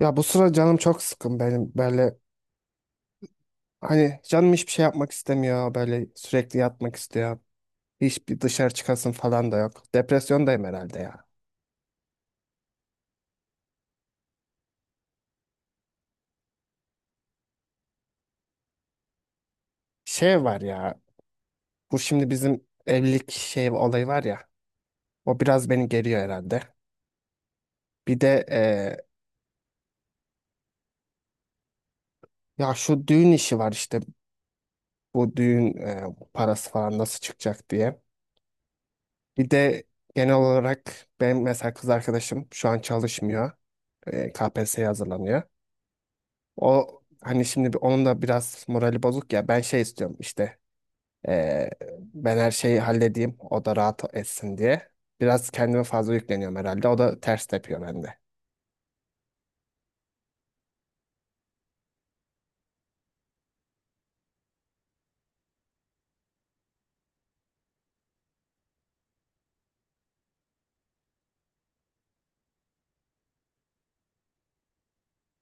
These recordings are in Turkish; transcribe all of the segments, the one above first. Ya, bu sıra canım çok sıkın benim böyle. Hani canım hiçbir şey yapmak istemiyor, böyle sürekli yatmak istiyor. Hiçbir dışarı çıkasın falan da yok. Depresyondayım herhalde ya. Şey var ya, bu şimdi bizim evlilik şey olayı var ya, o biraz beni geriyor herhalde. Bir de ya şu düğün işi var işte, bu düğün parası falan nasıl çıkacak diye. Bir de genel olarak benim mesela kız arkadaşım şu an çalışmıyor. KPSS'ye hazırlanıyor. O hani şimdi onun da biraz morali bozuk ya. Ben şey istiyorum işte. eee, ben her şeyi halledeyim. O da rahat etsin diye. Biraz kendime fazla yükleniyorum herhalde. O da ters tepiyor bende.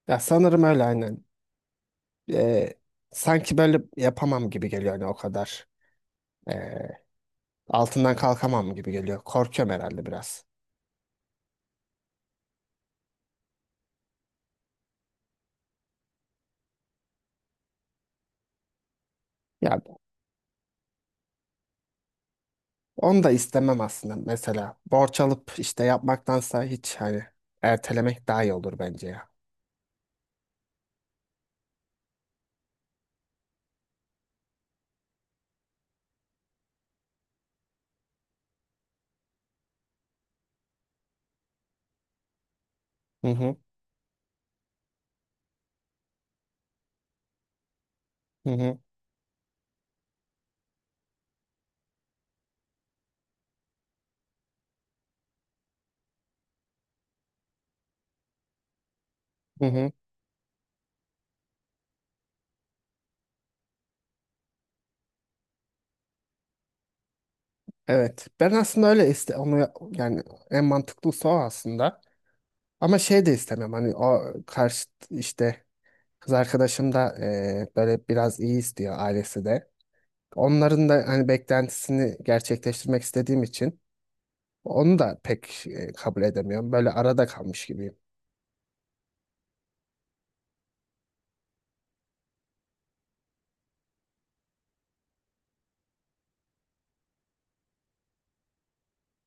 Ya, sanırım öyle aynen. Eee, sanki böyle yapamam gibi geliyor, hani o kadar. Eee, altından kalkamam gibi geliyor. Korkuyorum herhalde biraz. Ya, onu da istemem aslında mesela. Borç alıp işte yapmaktansa hiç hani ertelemek daha iyi olur bence ya. Hı hı. Hı hı. Hı hı. Evet. Ben aslında öyle iste onu, yani en mantıklısı o aslında. Ama şey de istemem, hani o karşı işte kız arkadaşım da böyle biraz iyi istiyor, ailesi de. Onların da hani beklentisini gerçekleştirmek istediğim için onu da pek kabul edemiyorum. Böyle arada kalmış gibiyim.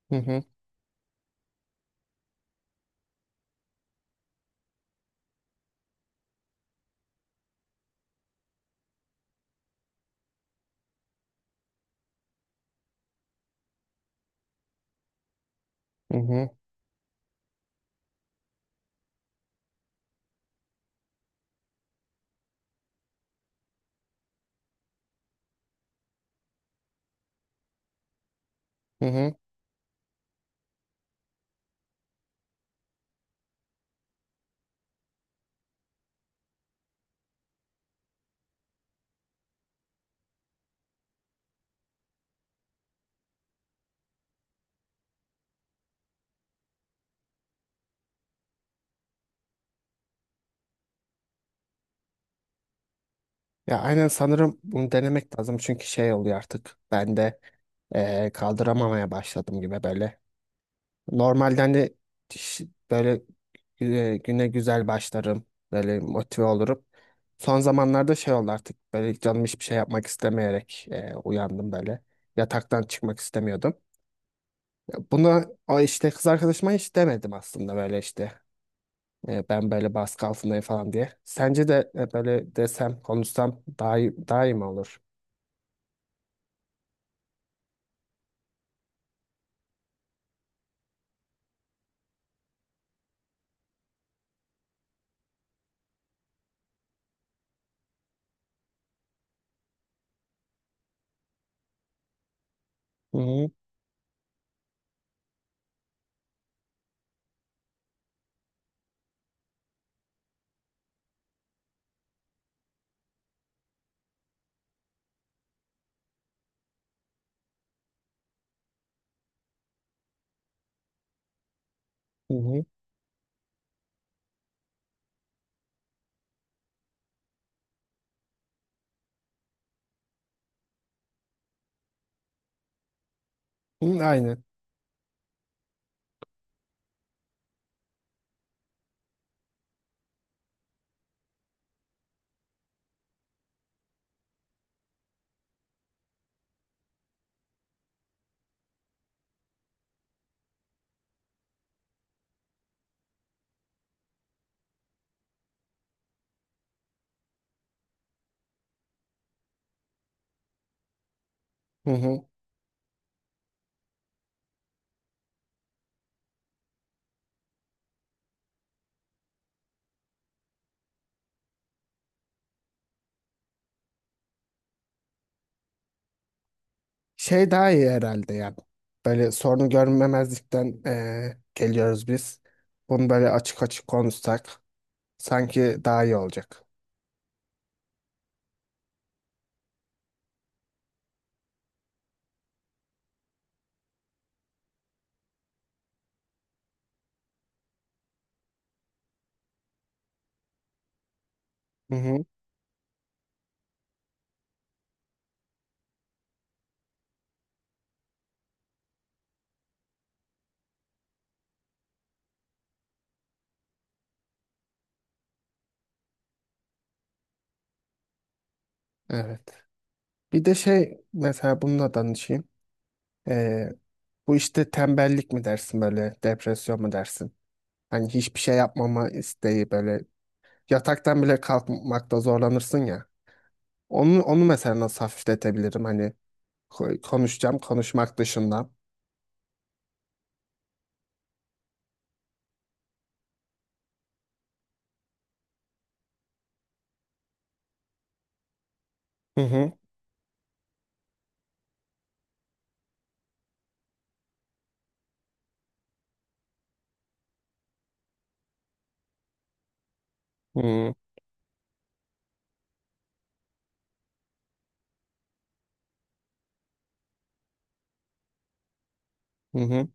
Hı hı. Hı hı. Hı hı. Ya, aynen sanırım bunu denemek lazım, çünkü şey oluyor artık ben de kaldıramamaya başladım gibi böyle. Normalden de ş- böyle güne güzel başlarım, böyle motive olurum. Son zamanlarda şey oldu artık, böyle canım hiçbir şey yapmak istemeyerek uyandım böyle. Yataktan çıkmak istemiyordum. Buna o işte kız arkadaşıma hiç demedim aslında, böyle işte ben böyle baskı altındayım falan diye. Sence de böyle desem konuşsam daha iyi, daha iyi mi olur? Hı. Hı hı. Hı, aynen. Hı hı. Şey daha iyi herhalde yani. Böyle sorunu görmemezlikten geliyoruz biz. Bunu böyle açık açık konuşsak sanki daha iyi olacak. Hı hı. Evet. Bir de şey mesela bununla danışayım. Eee, bu işte tembellik mi dersin, böyle depresyon mu dersin? Hani hiçbir şey yapmama isteği böyle, yataktan bile kalkmakta zorlanırsın ya. Onu mesela nasıl hafifletebilirim? Hani konuşacağım konuşmak dışında. Hı hı. Hı hı. Hı hı.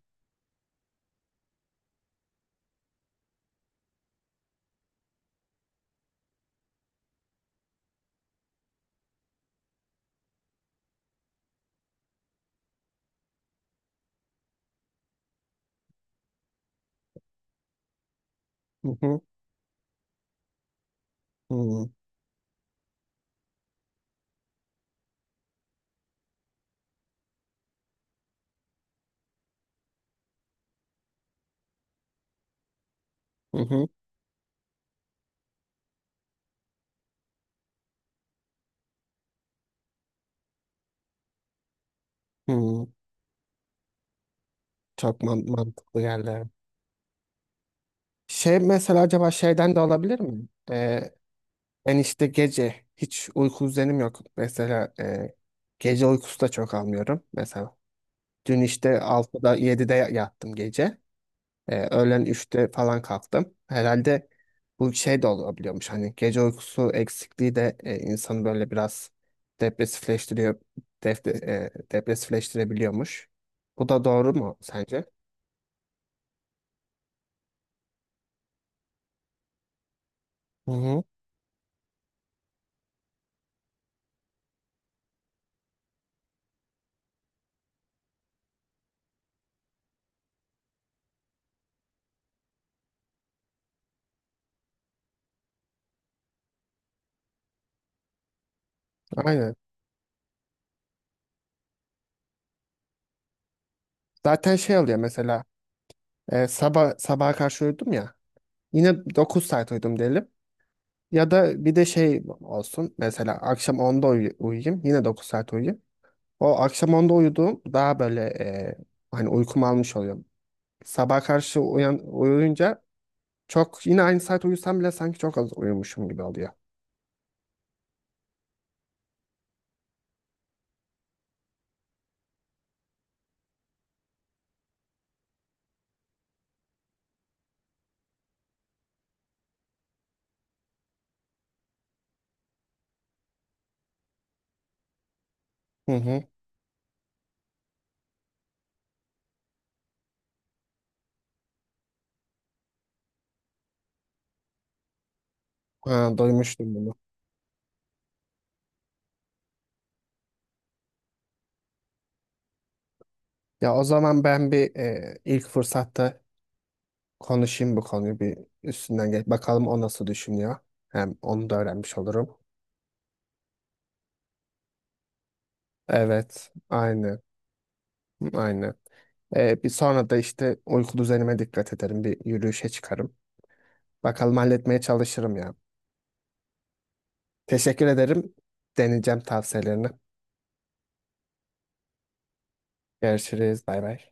Hı hı. Hı hı. Çok mantıklı yerler. Şey mesela acaba şeyden de olabilir mi? Ben işte gece hiç uyku düzenim yok. Mesela gece uykusu da çok almıyorum mesela. Dün işte 6'da 7'de yattım gece. Öğlen 3'te falan kalktım. Herhalde bu şey de olabiliyormuş. Hani gece uykusu eksikliği de insanı böyle biraz depresifleştiriyor. Depresifleştirebiliyormuş. Bu da doğru mu sence? Hı hı, aynen. Zaten şey oluyor mesela sabaha karşı uyudum ya, yine 9 saat uyudum diyelim. Ya da bir de şey olsun mesela akşam 10'da uyuyayım, yine 9 saat uyuyayım. O akşam 10'da uyuduğum daha böyle hani uykum almış oluyor. Uyuyunca çok, yine aynı saat uyusam bile sanki çok az uyumuşum gibi oluyor. Hı hı. Ha, duymuştum bunu. Ya o zaman ben bir ilk fırsatta konuşayım bu konuyu, bir üstünden geç. Bakalım o nasıl düşünüyor. Hem onu da öğrenmiş olurum. Evet, aynı, aynı. Bir sonra da işte uyku düzenime dikkat ederim. Bir yürüyüşe çıkarım. Bakalım, halletmeye çalışırım ya. Teşekkür ederim. Deneyeceğim tavsiyelerini. Görüşürüz. Bay bay.